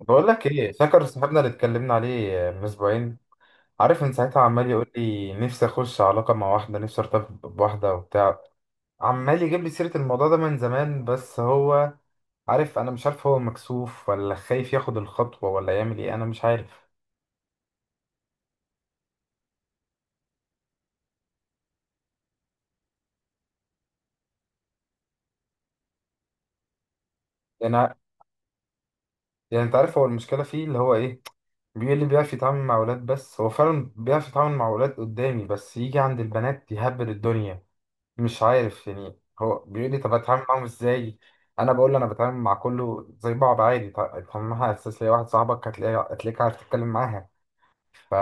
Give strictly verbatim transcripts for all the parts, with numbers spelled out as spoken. بقول لك ايه، فاكر صاحبنا اللي اتكلمنا عليه من اسبوعين؟ عارف، من ساعتها عمال يقول لي نفسي اخش علاقه مع واحده، نفسي ارتبط بواحده وبتاع. عمال يجيب لي سيره الموضوع ده من زمان، بس هو عارف، انا مش عارف هو مكسوف ولا خايف ياخد الخطوه ولا يعمل ايه، انا مش عارف. يعني يعني انت عارف هو المشكله فيه اللي هو ايه، بيقول لي بيعرف يتعامل مع اولاد، بس هو فعلا بيعرف يتعامل مع اولاد قدامي، بس يجي عند البنات يهبل الدنيا. مش عارف، يعني هو بيقول لي طب اتعامل معاهم ازاي. انا بقول له انا بتعامل مع كله زي بعض عادي. طب طب ما اساس ليا واحد صاحبك هتلاقيه، هتلاقيك عارف تتكلم معاها. ف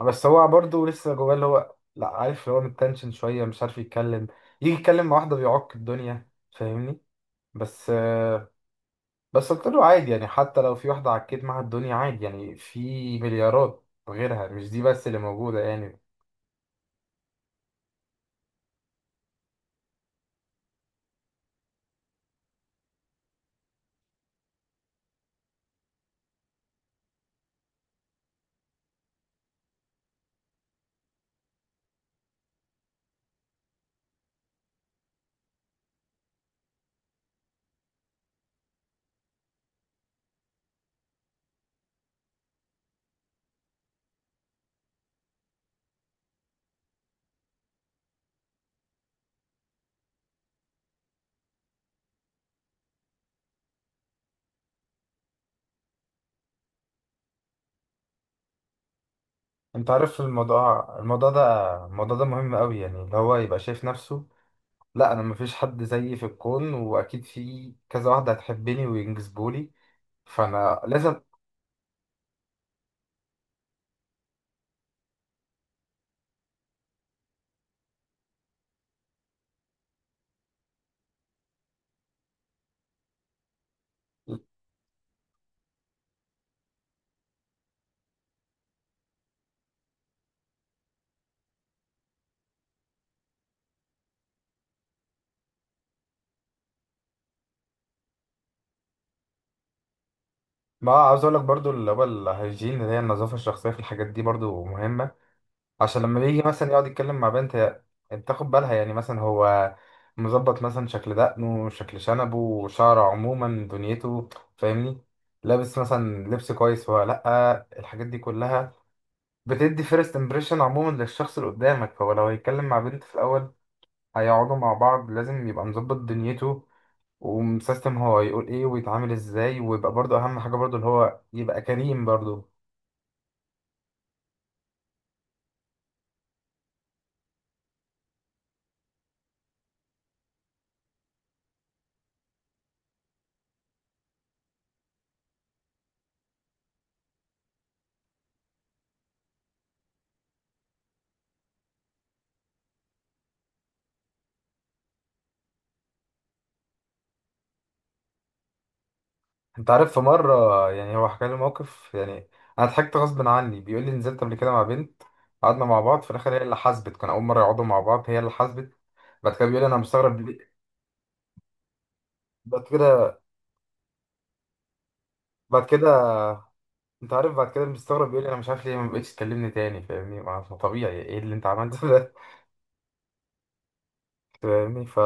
بس هو برضه لسه جواه اللي هو، لا عارف اللي هو متنشن شويه، مش عارف يتكلم. يجي يتكلم مع واحده بيعك الدنيا، فاهمني؟ بس بس قلت له عادي يعني، حتى لو في واحده عكيت معاها الدنيا عادي يعني، في مليارات غيرها، مش دي بس اللي موجوده يعني. انت عارف، الموضوع الموضوع ده الموضوع ده مهم قوي يعني، اللي هو يبقى شايف نفسه، لا انا مفيش حد زيي في الكون، واكيد في كذا واحده هتحبني وينجذبولي، فانا لازم. ما عاوز اقول لك برضو، اللي هو الهيجين اللي هي النظافه الشخصيه، في الحاجات دي برضو مهمه. عشان لما بيجي مثلا يقعد يتكلم مع بنت، هي انت تاخد بالها، يعني مثلا هو مظبط مثلا شكل دقنه، شكل شنبه، شعره، عموما دنيته، فاهمني؟ لابس مثلا لبس كويس ولا لا، الحاجات دي كلها بتدي فيرست امبريشن عموما للشخص اللي قدامك. فهو لو هيتكلم مع بنت في الاول هيقعدوا مع بعض، لازم يبقى مظبط دنيته ومسيستم هو هيقول ايه ويتعامل ازاي. ويبقى برضه اهم حاجه برضه اللي هو يبقى كريم برضه. انت عارف، في مره يعني هو حكى لي موقف يعني انا ضحكت غصب عني. بيقول لي نزلت قبل كده مع بنت، قعدنا مع بعض، في الاخر هي اللي حاسبت. كان اول مره يقعدوا مع بعض، هي اللي حاسبت. بعد كده بيقول لي انا مستغرب ليه-. بعد كده بعد كده انت عارف، بعد كده مستغرب، بيقول لي انا مش عارف ليه ما بقتش تكلمني تاني. فاهمني؟ ما هو طبيعي، ايه اللي انت عملته ده؟ فاهمني؟ ف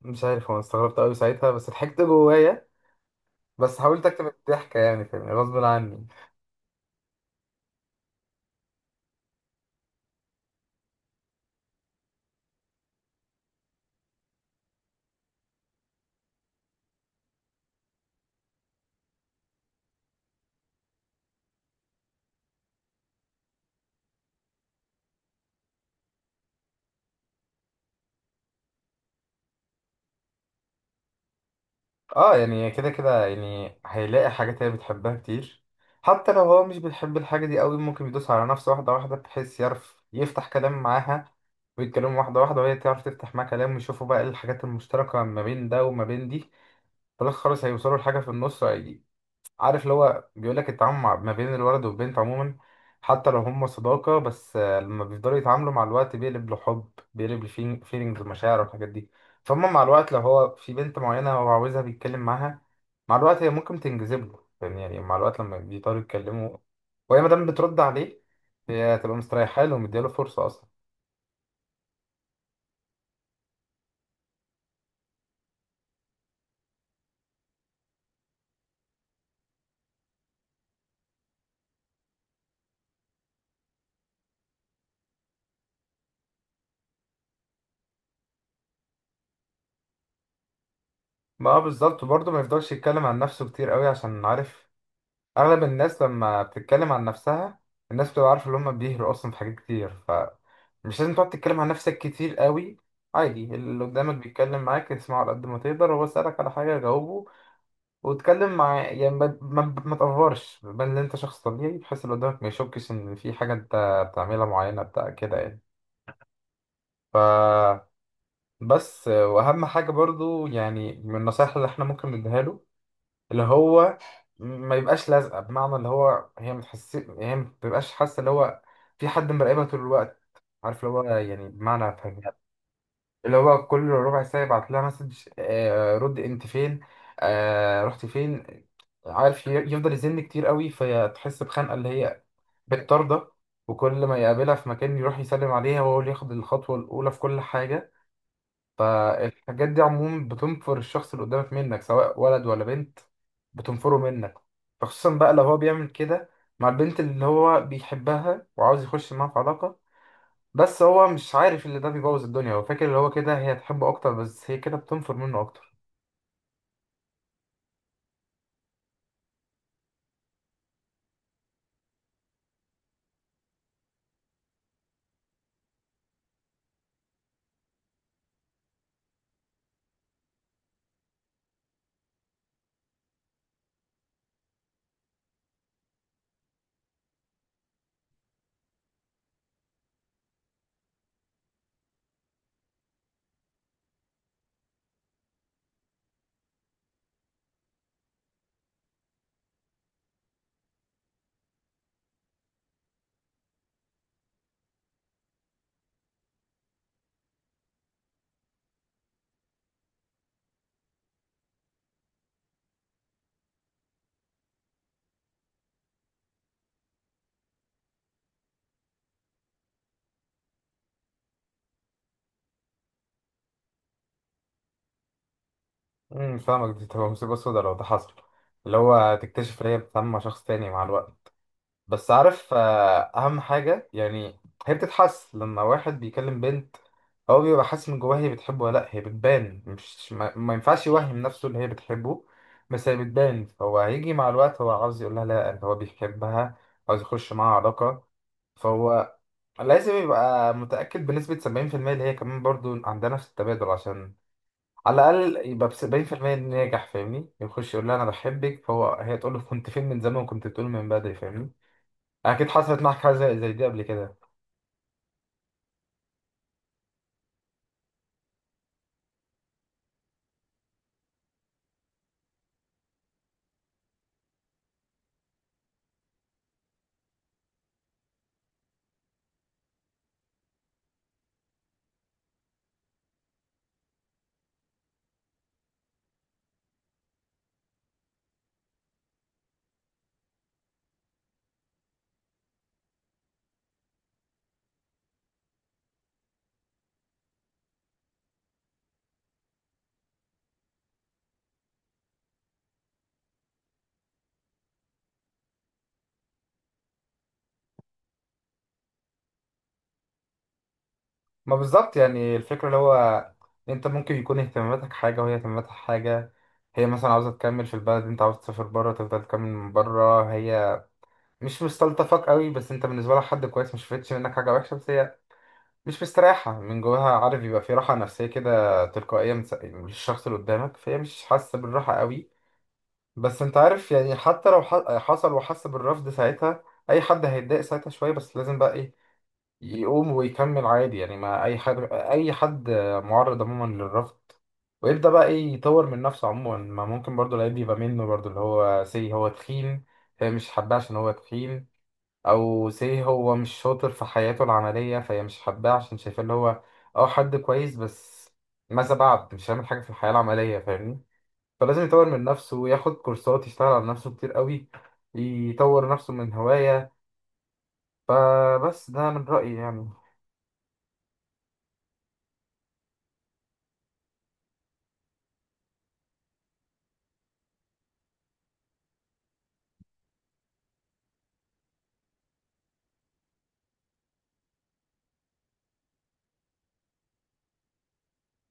مش عارف هو، أنا استغربت قوي ساعتها بس ضحكت جوايا. بس حاولت اكتب الضحكة يعني، فاهمني، غصب عني. اه يعني كده كده يعني هيلاقي حاجات هي بتحبها كتير. حتى لو هو مش بيحب الحاجة دي قوي، ممكن يدوس على نفسه واحدة واحدة بحيث يعرف يفتح كلام معاها، ويتكلموا واحدة واحدة وهي تعرف تفتح معاه كلام، ويشوفوا بقى ايه الحاجات المشتركة ما بين ده وما بين دي. فبس خلاص هيوصلوا لحاجة في النص. عارف اللي هو بيقول لك، التعامل مع- ما بين الولد والبنت عموما، حتى لو هم صداقة بس، آه، لما بيفضلوا يتعاملوا مع الوقت بيقلب لحب، بيقلب لفيلينجز ومشاعر والحاجات دي. فهم مع الوقت، لو هو في بنت معينة هو عاوزها بيتكلم معاها، مع الوقت هي ممكن تنجذب له يعني، يعني مع الوقت لما بيضطروا يتكلموا وهي مادام بترد عليه، هي هتبقى مستريحة له ومدياله فرصة أصلا. ما هو بالظبط. وبرضه ما يفضلش يتكلم عن نفسه كتير قوي، عشان عارف اغلب الناس لما بتتكلم عن نفسها، الناس بتبقى عارفه ان هم بيهروا اصلا في حاجات كتير. فمش لازم تقعد تتكلم عن نفسك كتير قوي. عادي اللي قدامك بيتكلم معاك، اسمعه على قد ما تقدر، هو سألك على حاجه جاوبه، واتكلم مع يعني، ما ما, ما تقفرش بان إن انت شخص طبيعي، بحيث اللي قدامك ما يشكش ان في حاجه انت بتعملها معينه بتاع كده يعني. ف بس، واهم حاجه برضو يعني من النصائح اللي احنا ممكن نديها له، اللي هو ما يبقاش لازقه. بمعنى اللي هو هي ما تحس، هي ما بتبقاش حاسه اللي هو في حد مراقبها طول الوقت. عارف اللي هو يعني، بمعنى فاهمها. اللي هو كل ربع ساعه يبعت لها مسج، آه رد انت فين، آه رحت فين. عارف، ي- يفضل يزن كتير قوي، فتحس بخنقه اللي هي بتطارده. وكل ما يقابلها في مكان يروح يسلم عليها، وهو اللي ياخد الخطوه الاولى في كل حاجه. فالحاجات دي عموما بتنفر الشخص اللي قدامك منك، سواء ولد ولا بنت، بتنفره منك. فخصوصا بقى لو هو بيعمل كده مع البنت اللي هو بيحبها وعاوز يخش معاها في علاقة. بس هو مش عارف اللي ده بيبوظ الدنيا، هو فاكر اللي هو كده هي تحبه أكتر، بس هي كده بتنفر منه أكتر. امم، فاهمك، دي تبقى مصيبة سودا لو ده حصل، اللي هو تكتشف إن هي بتتعامل مع شخص تاني مع الوقت. بس عارف، آه، اهم حاجه يعني، هي بتتحس لما واحد بيكلم بنت، هو بيبقى حاسس من جواه هي بتحبه ولا لا. هي بتبان، مش ما, ما ينفعش يوهم نفسه ان هي بتحبه، بس هي بتبان. هو هيجي مع الوقت هو عاوز يقول لها، لا إن هو بيحبها، عاوز يخش معاها علاقه، فهو لازم يبقى متاكد بنسبه سبعين في المية اللي هي كمان برضو عندها نفس التبادل، عشان على الاقل يبقى ب سبعين في المية ناجح. فاهمني؟ يخش يقول لها انا بحبك، فهو هي تقول له كنت فين من زمان، وكنت بتقول من بدري، فاهمني؟ اكيد حصلت معاك حاجه زي زي دي قبل كده. ما بالظبط يعني، الفكره اللي هو انت ممكن يكون اهتماماتك حاجه وهي اهتماماتها حاجه. هي مثلا عاوزه تكمل في البلد، انت عاوز تسافر بره تفضل تكمل من بره. هي مش مستلطفك قوي، بس انت بالنسبه لها حد كويس، مش شفتش منك حاجه وحشه، بس هي مش مستريحه من جواها. عارف، يبقى في راحه نفسيه كده تلقائيه من س- من الشخص اللي قدامك، فهي مش حاسه بالراحه قوي. بس انت عارف يعني، حتى لو ح- حصل وحس بالرفض ساعتها، اي حد هيتضايق ساعتها شويه، بس لازم بقى ايه، يقوم ويكمل عادي يعني. ما اي حد، اي حد معرض عموما للرفض، ويبدأ بقى ايه يطور من نفسه عموما. ما ممكن برضو العيب يبقى منه برضو، اللي هو سي هو تخين فهي مش حباه عشان هو تخين، او سي هو مش شاطر في حياته العملية فهي مش حباه عشان شايفاه اللي هو، اه حد كويس بس ماذا بعد، مش هيعمل حاجة في الحياة العملية. فاهمني؟ فلازم يطور من نفسه وياخد كورسات، يشتغل على نفسه كتير قوي، يطور نفسه من هواية. فبس ده من رأيي يعني.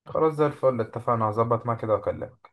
خلاص زي الفل، اتفقنا، هظبط معاك كده واكلمك.